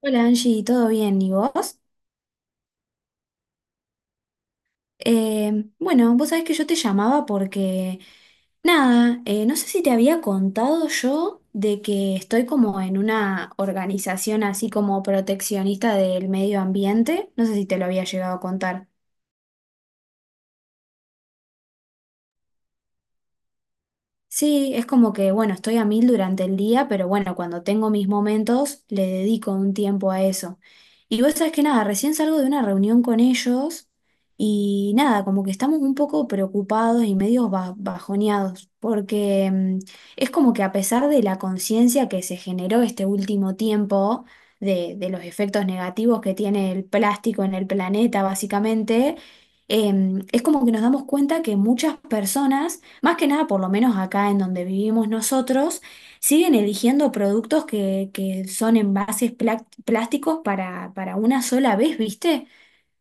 Hola Angie, ¿todo bien? ¿Y vos? Bueno, vos sabés que yo te llamaba porque, nada, no sé si te había contado yo de que estoy como en una organización así como proteccionista del medio ambiente, no sé si te lo había llegado a contar. Sí, es como que, bueno, estoy a mil durante el día, pero bueno, cuando tengo mis momentos, le dedico un tiempo a eso. Y vos sabés que nada, recién salgo de una reunión con ellos y nada, como que estamos un poco preocupados y medio bajoneados, porque es como que a pesar de la conciencia que se generó este último tiempo, de los efectos negativos que tiene el plástico en el planeta, básicamente, es como que nos damos cuenta que muchas personas más que nada, por lo menos acá en donde vivimos nosotros, siguen eligiendo productos que son envases plásticos para una sola vez, ¿viste?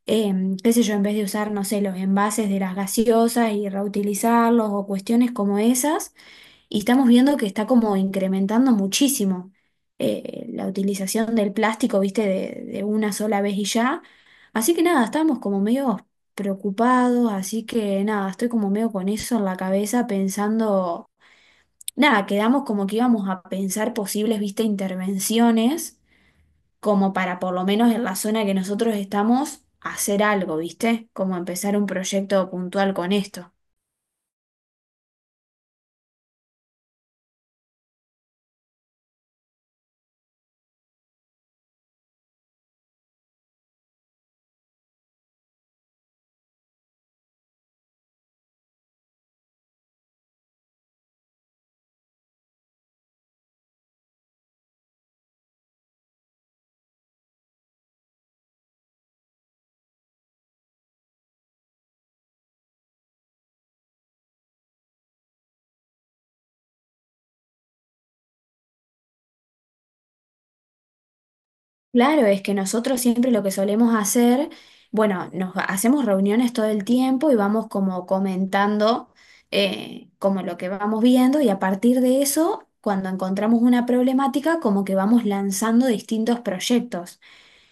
Qué sé yo, en vez de usar, no sé, los envases de las gaseosas y reutilizarlos o cuestiones como esas. Y estamos viendo que está como incrementando muchísimo la utilización del plástico, viste, de una sola vez y ya. Así que nada, estamos como medio preocupados, así que nada, estoy como medio con eso en la cabeza pensando, nada, quedamos como que íbamos a pensar posibles, viste, intervenciones, como para por lo menos en la zona que nosotros estamos hacer algo, viste, como empezar un proyecto puntual con esto. Claro, es que nosotros siempre lo que solemos hacer, bueno, hacemos reuniones todo el tiempo y vamos como comentando como lo que vamos viendo y a partir de eso, cuando encontramos una problemática, como que vamos lanzando distintos proyectos.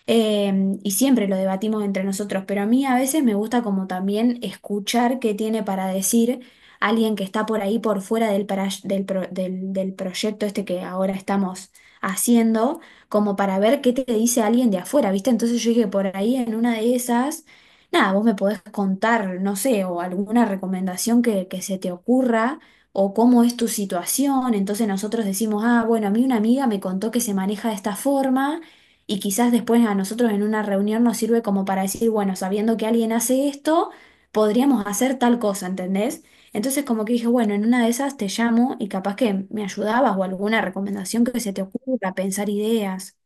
Y siempre lo debatimos entre nosotros, pero a mí a veces me gusta como también escuchar qué tiene para decir alguien que está por ahí por fuera del, para- del, pro- del del proyecto este que ahora estamos haciendo como para ver qué te dice alguien de afuera, ¿viste? Entonces yo dije, por ahí en una de esas, nada, vos me podés contar, no sé, o alguna recomendación que se te ocurra, o cómo es tu situación. Entonces nosotros decimos, ah, bueno, a mí una amiga me contó que se maneja de esta forma. Y quizás después a nosotros en una reunión nos sirve como para decir, bueno, sabiendo que alguien hace esto, podríamos hacer tal cosa, ¿entendés? Entonces como que dije, bueno, en una de esas te llamo y capaz que me ayudabas o alguna recomendación que se te ocurra, pensar ideas.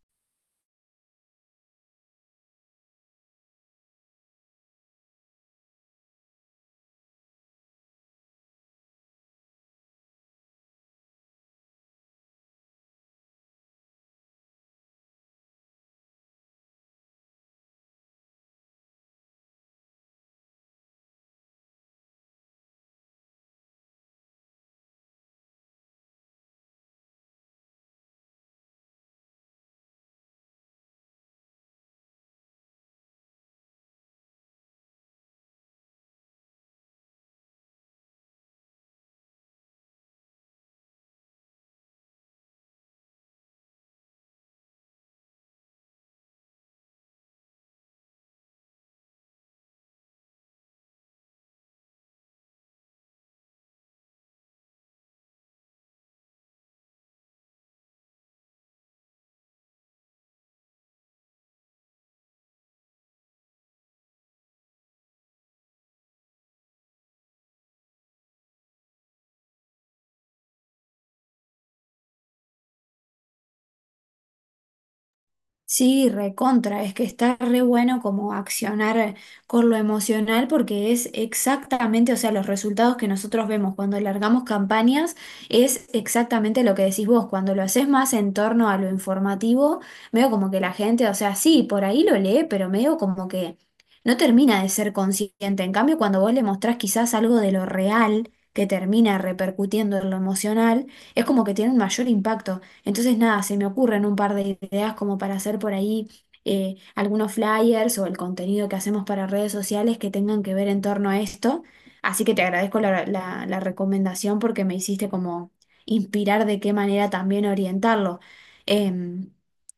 Sí, recontra, es que está re bueno como accionar con lo emocional porque es exactamente, o sea, los resultados que nosotros vemos cuando largamos campañas es exactamente lo que decís vos, cuando lo haces más en torno a lo informativo, medio como que la gente, o sea, sí, por ahí lo lee, pero medio como que no termina de ser consciente. En cambio, cuando vos le mostrás quizás algo de lo real que termina repercutiendo en lo emocional, es como que tiene un mayor impacto. Entonces, nada, se me ocurren un par de ideas como para hacer por ahí algunos flyers o el contenido que hacemos para redes sociales que tengan que ver en torno a esto. Así que te agradezco la recomendación porque me hiciste como inspirar de qué manera también orientarlo. Em,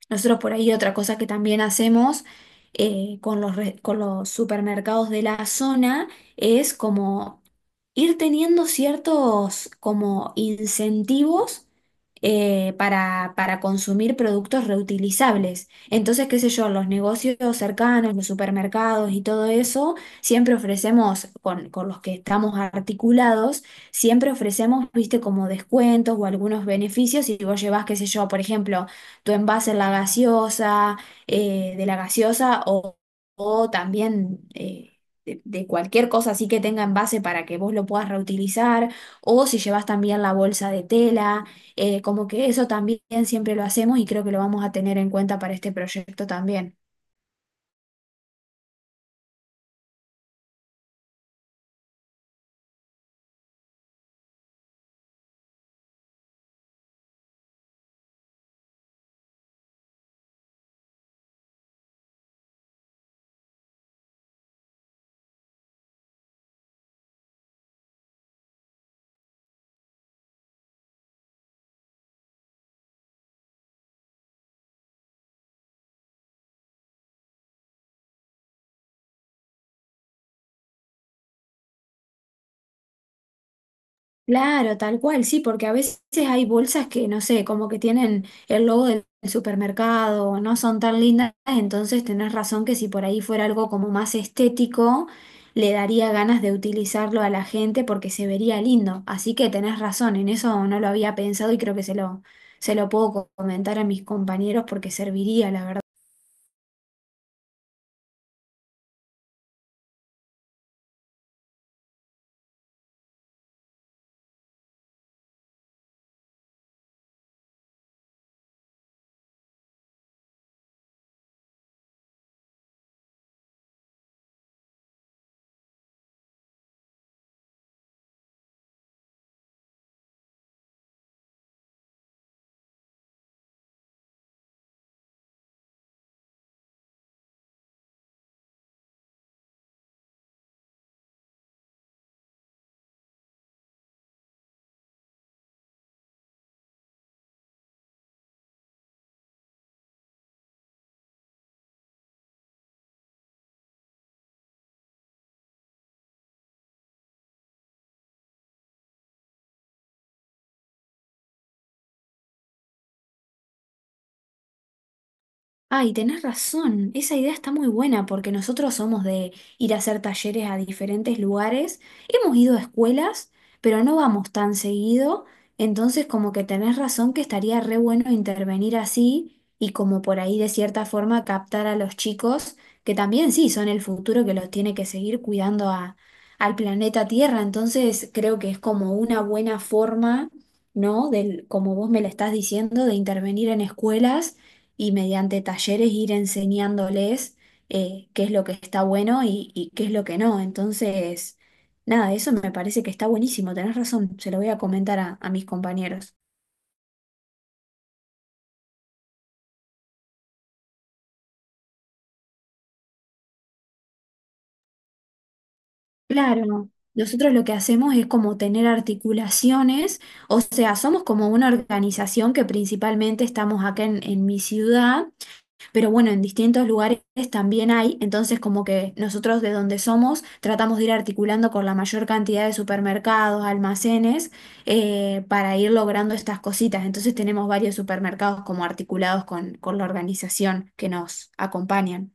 Nosotros por ahí otra cosa que también hacemos con con los supermercados de la zona es como ir teniendo ciertos como incentivos para consumir productos reutilizables. Entonces, qué sé yo, los negocios cercanos, los supermercados y todo eso, siempre ofrecemos, con los que estamos articulados, siempre ofrecemos, viste, como descuentos o algunos beneficios. Si vos llevas, qué sé yo, por ejemplo, tu envase en la gaseosa, de la gaseosa o también... de cualquier cosa así que tenga envase para que vos lo puedas reutilizar, o si llevas también la bolsa de tela, como que eso también siempre lo hacemos y creo que lo vamos a tener en cuenta para este proyecto también. Claro, tal cual, sí, porque a veces hay bolsas que, no sé, como que tienen el logo del supermercado, no son tan lindas, entonces tenés razón que si por ahí fuera algo como más estético, le daría ganas de utilizarlo a la gente porque se vería lindo. Así que tenés razón, en eso no lo había pensado y creo que se lo puedo comentar a mis compañeros porque serviría, la verdad. Ay, tenés razón, esa idea está muy buena porque nosotros somos de ir a hacer talleres a diferentes lugares, hemos ido a escuelas, pero no vamos tan seguido, entonces como que tenés razón que estaría re bueno intervenir así y como por ahí de cierta forma captar a los chicos, que también sí son el futuro que los tiene que seguir cuidando a, al planeta Tierra, entonces creo que es como una buena forma, ¿no? Del, como vos me la estás diciendo, de intervenir en escuelas y mediante talleres ir enseñándoles qué es lo que está bueno y qué es lo que no. Entonces, nada, eso me parece que está buenísimo, tenés razón, se lo voy a comentar a mis compañeros. Claro, nosotros lo que hacemos es como tener articulaciones, o sea, somos como una organización que principalmente estamos acá en mi ciudad. Pero bueno, en distintos lugares también hay, entonces como que nosotros de donde somos tratamos de ir articulando con la mayor cantidad de supermercados, almacenes, para ir logrando estas cositas. Entonces tenemos varios supermercados como articulados con la organización que nos acompañan.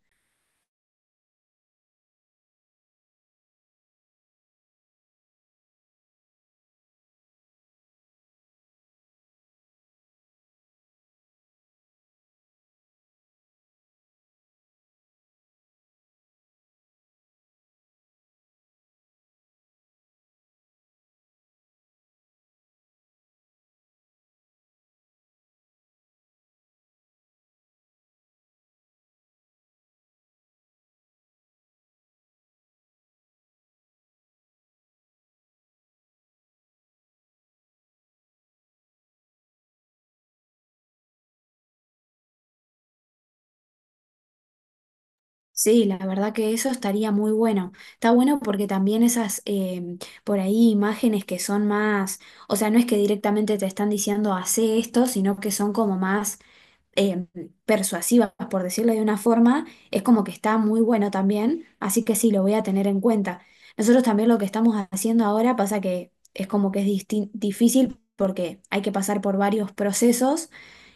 Sí, la verdad que eso estaría muy bueno. Está bueno porque también esas, por ahí, imágenes que son más, o sea, no es que directamente te están diciendo hace esto, sino que son como más eh, persuasivas, por decirlo de una forma, es como que está muy bueno también, así que sí, lo voy a tener en cuenta. Nosotros también lo que estamos haciendo ahora pasa que es como que es difícil porque hay que pasar por varios procesos.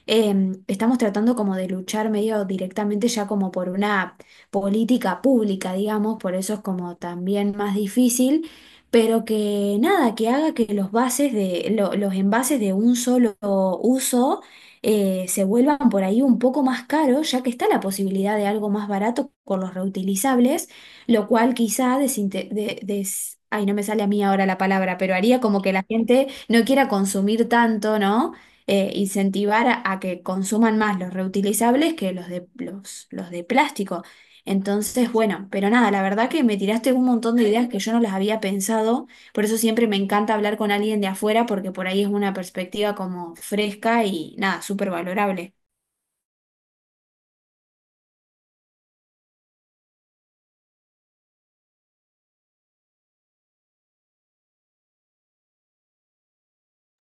Estamos tratando como de luchar medio directamente ya como por una política pública, digamos, por eso es como también más difícil, pero que nada, que haga que los bases de los envases de un solo uso se vuelvan por ahí un poco más caros, ya que está la posibilidad de algo más barato con los reutilizables, lo cual quizá ay, no me sale a mí ahora la palabra, pero haría como que la gente no quiera consumir tanto, ¿no? Incentivar a que consuman más los reutilizables que los de plástico. Entonces, bueno, pero nada, la verdad que me tiraste un montón de ideas que yo no las había pensado. Por eso siempre me encanta hablar con alguien de afuera porque por ahí es una perspectiva como fresca y nada, súper valorable.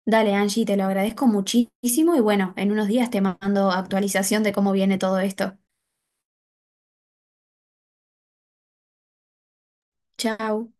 Dale, Angie, te lo agradezco muchísimo y bueno, en unos días te mando actualización de cómo viene todo esto. Chao.